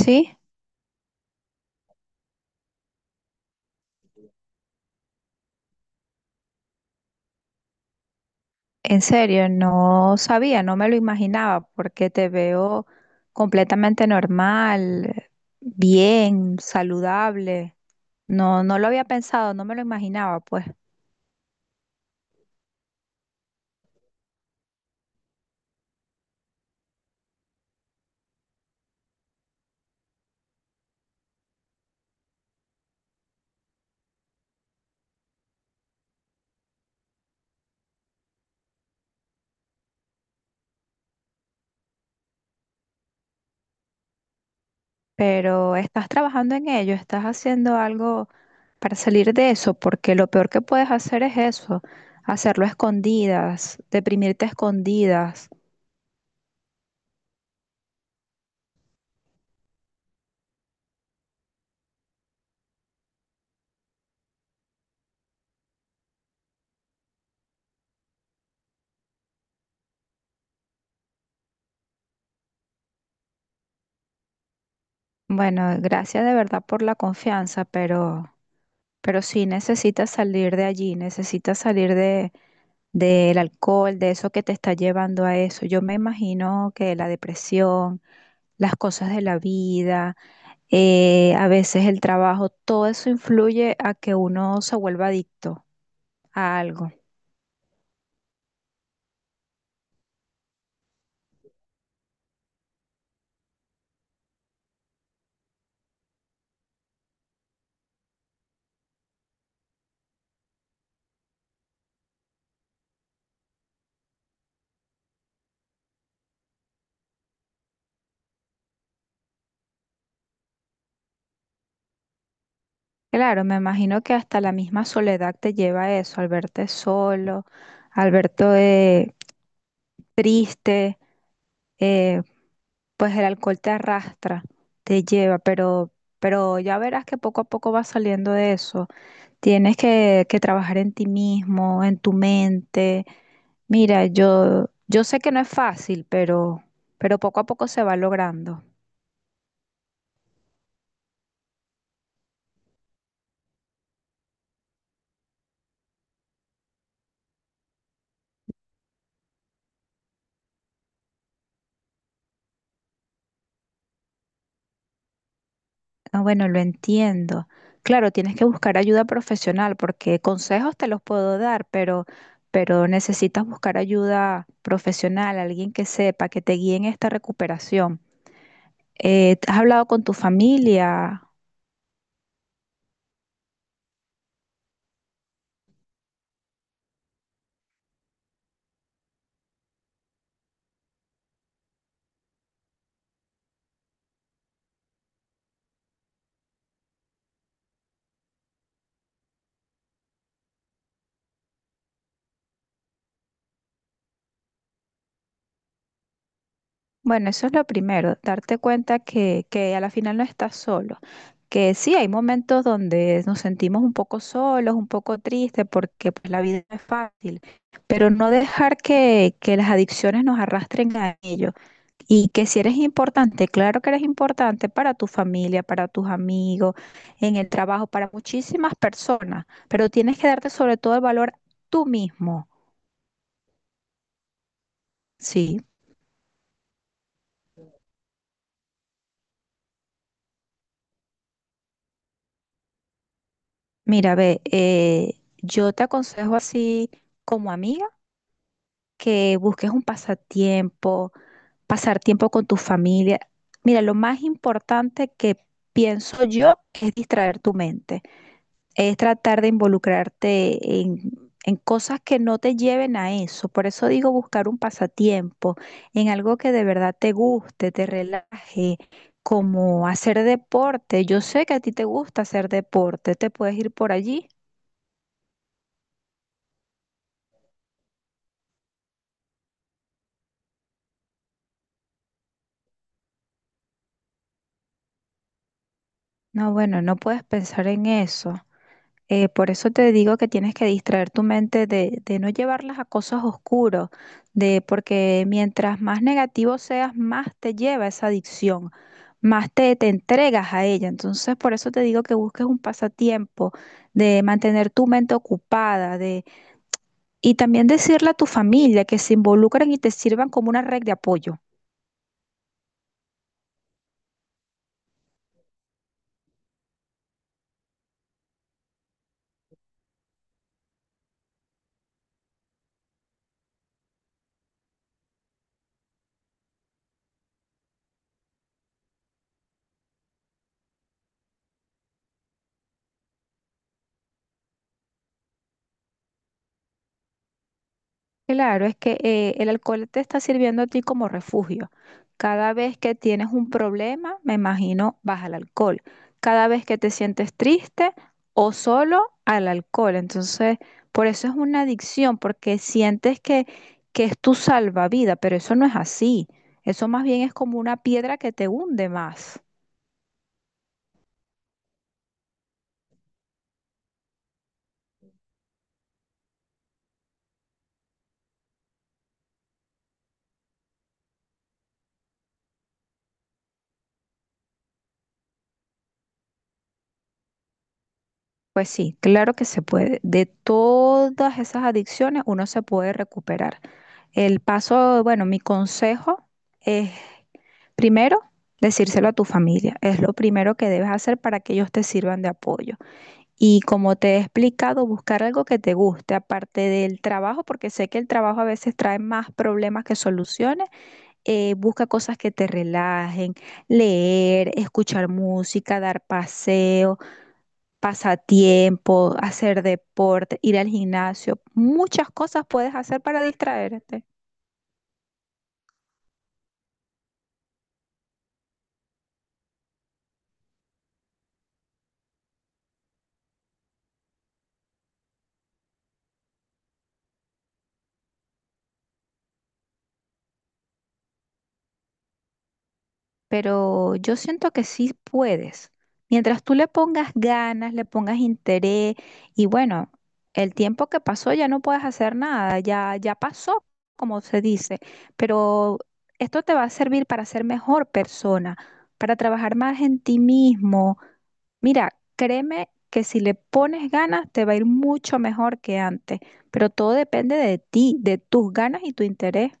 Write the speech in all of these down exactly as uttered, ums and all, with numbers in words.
Sí, en serio, no sabía, no me lo imaginaba, porque te veo completamente normal, bien, saludable. No, no lo había pensado, no me lo imaginaba, pues. Pero estás trabajando en ello, estás haciendo algo para salir de eso, porque lo peor que puedes hacer es eso, hacerlo a escondidas, deprimirte a escondidas. Bueno, gracias de verdad por la confianza, pero Pero sí necesitas salir de allí, necesitas salir de, del alcohol, de eso que te está llevando a eso. Yo me imagino que la depresión, las cosas de la vida, eh, a veces el trabajo, todo eso influye a que uno se vuelva adicto a algo. Claro, me imagino que hasta la misma soledad te lleva a eso, al verte solo, al verte triste, eh, pues el alcohol te arrastra, te lleva, pero, pero ya verás que poco a poco vas saliendo de eso. Tienes que, que trabajar en ti mismo, en tu mente. Mira, yo, yo sé que no es fácil, pero, pero poco a poco se va logrando. Ah, bueno, lo entiendo. Claro, tienes que buscar ayuda profesional porque consejos te los puedo dar, pero, pero necesitas buscar ayuda profesional, alguien que sepa, que te guíe en esta recuperación. Eh, ¿has hablado con tu familia? Bueno, eso es lo primero, darte cuenta que, que a la final no estás solo, que sí, hay momentos donde nos sentimos un poco solos, un poco tristes, porque pues, la vida no es fácil, pero no dejar que, que las adicciones nos arrastren a ello. Y que si eres importante, claro que eres importante para tu familia, para tus amigos, en el trabajo, para muchísimas personas, pero tienes que darte sobre todo el valor tú mismo. Sí, mira, ve, eh, yo te aconsejo así como amiga que busques un pasatiempo, pasar tiempo con tu familia. Mira, lo más importante que pienso yo es distraer tu mente. Es tratar de involucrarte en, en cosas que no te lleven a eso. Por eso digo buscar un pasatiempo, en algo que de verdad te guste, te relaje, como hacer deporte. Yo sé que a ti te gusta hacer deporte, te puedes ir por allí. No, bueno, no puedes pensar en eso. Eh, por eso te digo que tienes que distraer tu mente de, de no llevarlas a cosas oscuras, de porque mientras más negativo seas, más te lleva esa adicción, más te, te entregas a ella. Entonces, por eso te digo que busques un pasatiempo, de mantener tu mente ocupada, de, y también decirle a tu familia que se involucren y te sirvan como una red de apoyo. Claro, es que eh, el alcohol te está sirviendo a ti como refugio. Cada vez que tienes un problema, me imagino, vas al alcohol. Cada vez que te sientes triste o solo, al alcohol. Entonces, por eso es una adicción, porque sientes que, que es tu salvavidas, pero eso no es así. Eso más bien es como una piedra que te hunde más. Pues sí, claro que se puede. De todas esas adicciones uno se puede recuperar. El paso, bueno, mi consejo es primero, decírselo a tu familia. Es lo primero que debes hacer para que ellos te sirvan de apoyo. Y como te he explicado, buscar algo que te guste, aparte del trabajo, porque sé que el trabajo a veces trae más problemas que soluciones. Eh, busca cosas que te relajen, leer, escuchar música, dar paseo, pasatiempo, hacer deporte, ir al gimnasio. Muchas cosas puedes hacer para distraerte. Pero yo siento que sí puedes. Mientras tú le pongas ganas, le pongas interés y bueno, el tiempo que pasó ya no puedes hacer nada, ya ya pasó, como se dice, pero esto te va a servir para ser mejor persona, para trabajar más en ti mismo. Mira, créeme que si le pones ganas te va a ir mucho mejor que antes, pero todo depende de ti, de tus ganas y tu interés.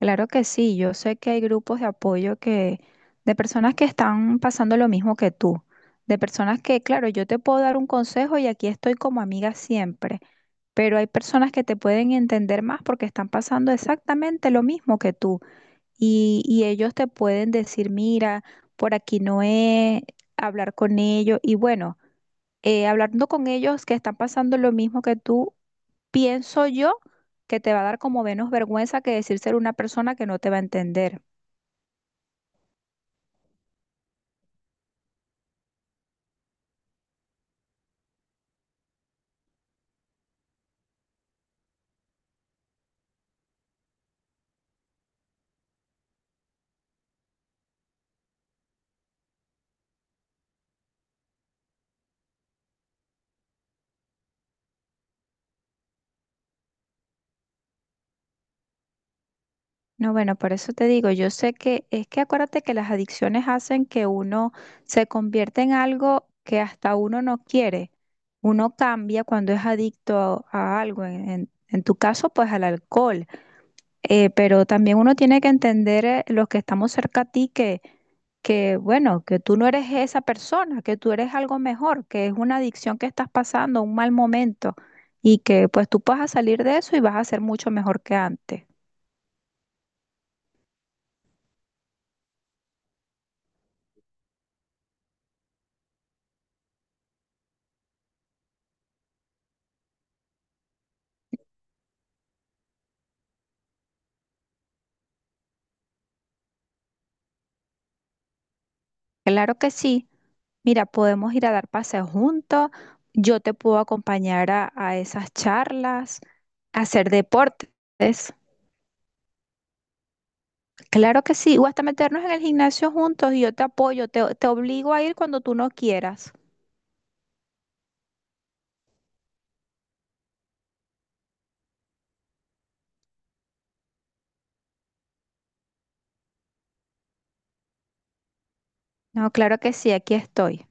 Claro que sí, yo sé que hay grupos de apoyo que, de personas que están pasando lo mismo que tú, de personas que, claro, yo te puedo dar un consejo y aquí estoy como amiga siempre, pero hay personas que te pueden entender más porque están pasando exactamente lo mismo que tú y, y ellos te pueden decir, mira, por aquí no es, hablar con ellos y bueno, eh, hablando con ellos que están pasando lo mismo que tú. Pienso yo que te va a dar como menos vergüenza que decir ser una persona que no te va a entender. No, bueno, por eso te digo, yo sé que es que acuérdate que las adicciones hacen que uno se convierta en algo que hasta uno no quiere. Uno cambia cuando es adicto a, a algo. En, en en tu caso, pues al alcohol. Eh, pero también uno tiene que entender eh, los que estamos cerca a ti que, que, bueno, que tú no eres esa persona, que tú eres algo mejor, que es una adicción que estás pasando, un mal momento, y que pues tú vas a salir de eso y vas a ser mucho mejor que antes. Claro que sí. Mira, podemos ir a dar paseos juntos, yo te puedo acompañar a, a esas charlas, a hacer deportes. Claro que sí, o hasta meternos en el gimnasio juntos y yo te apoyo, te te obligo a ir cuando tú no quieras. No, claro que sí, aquí estoy.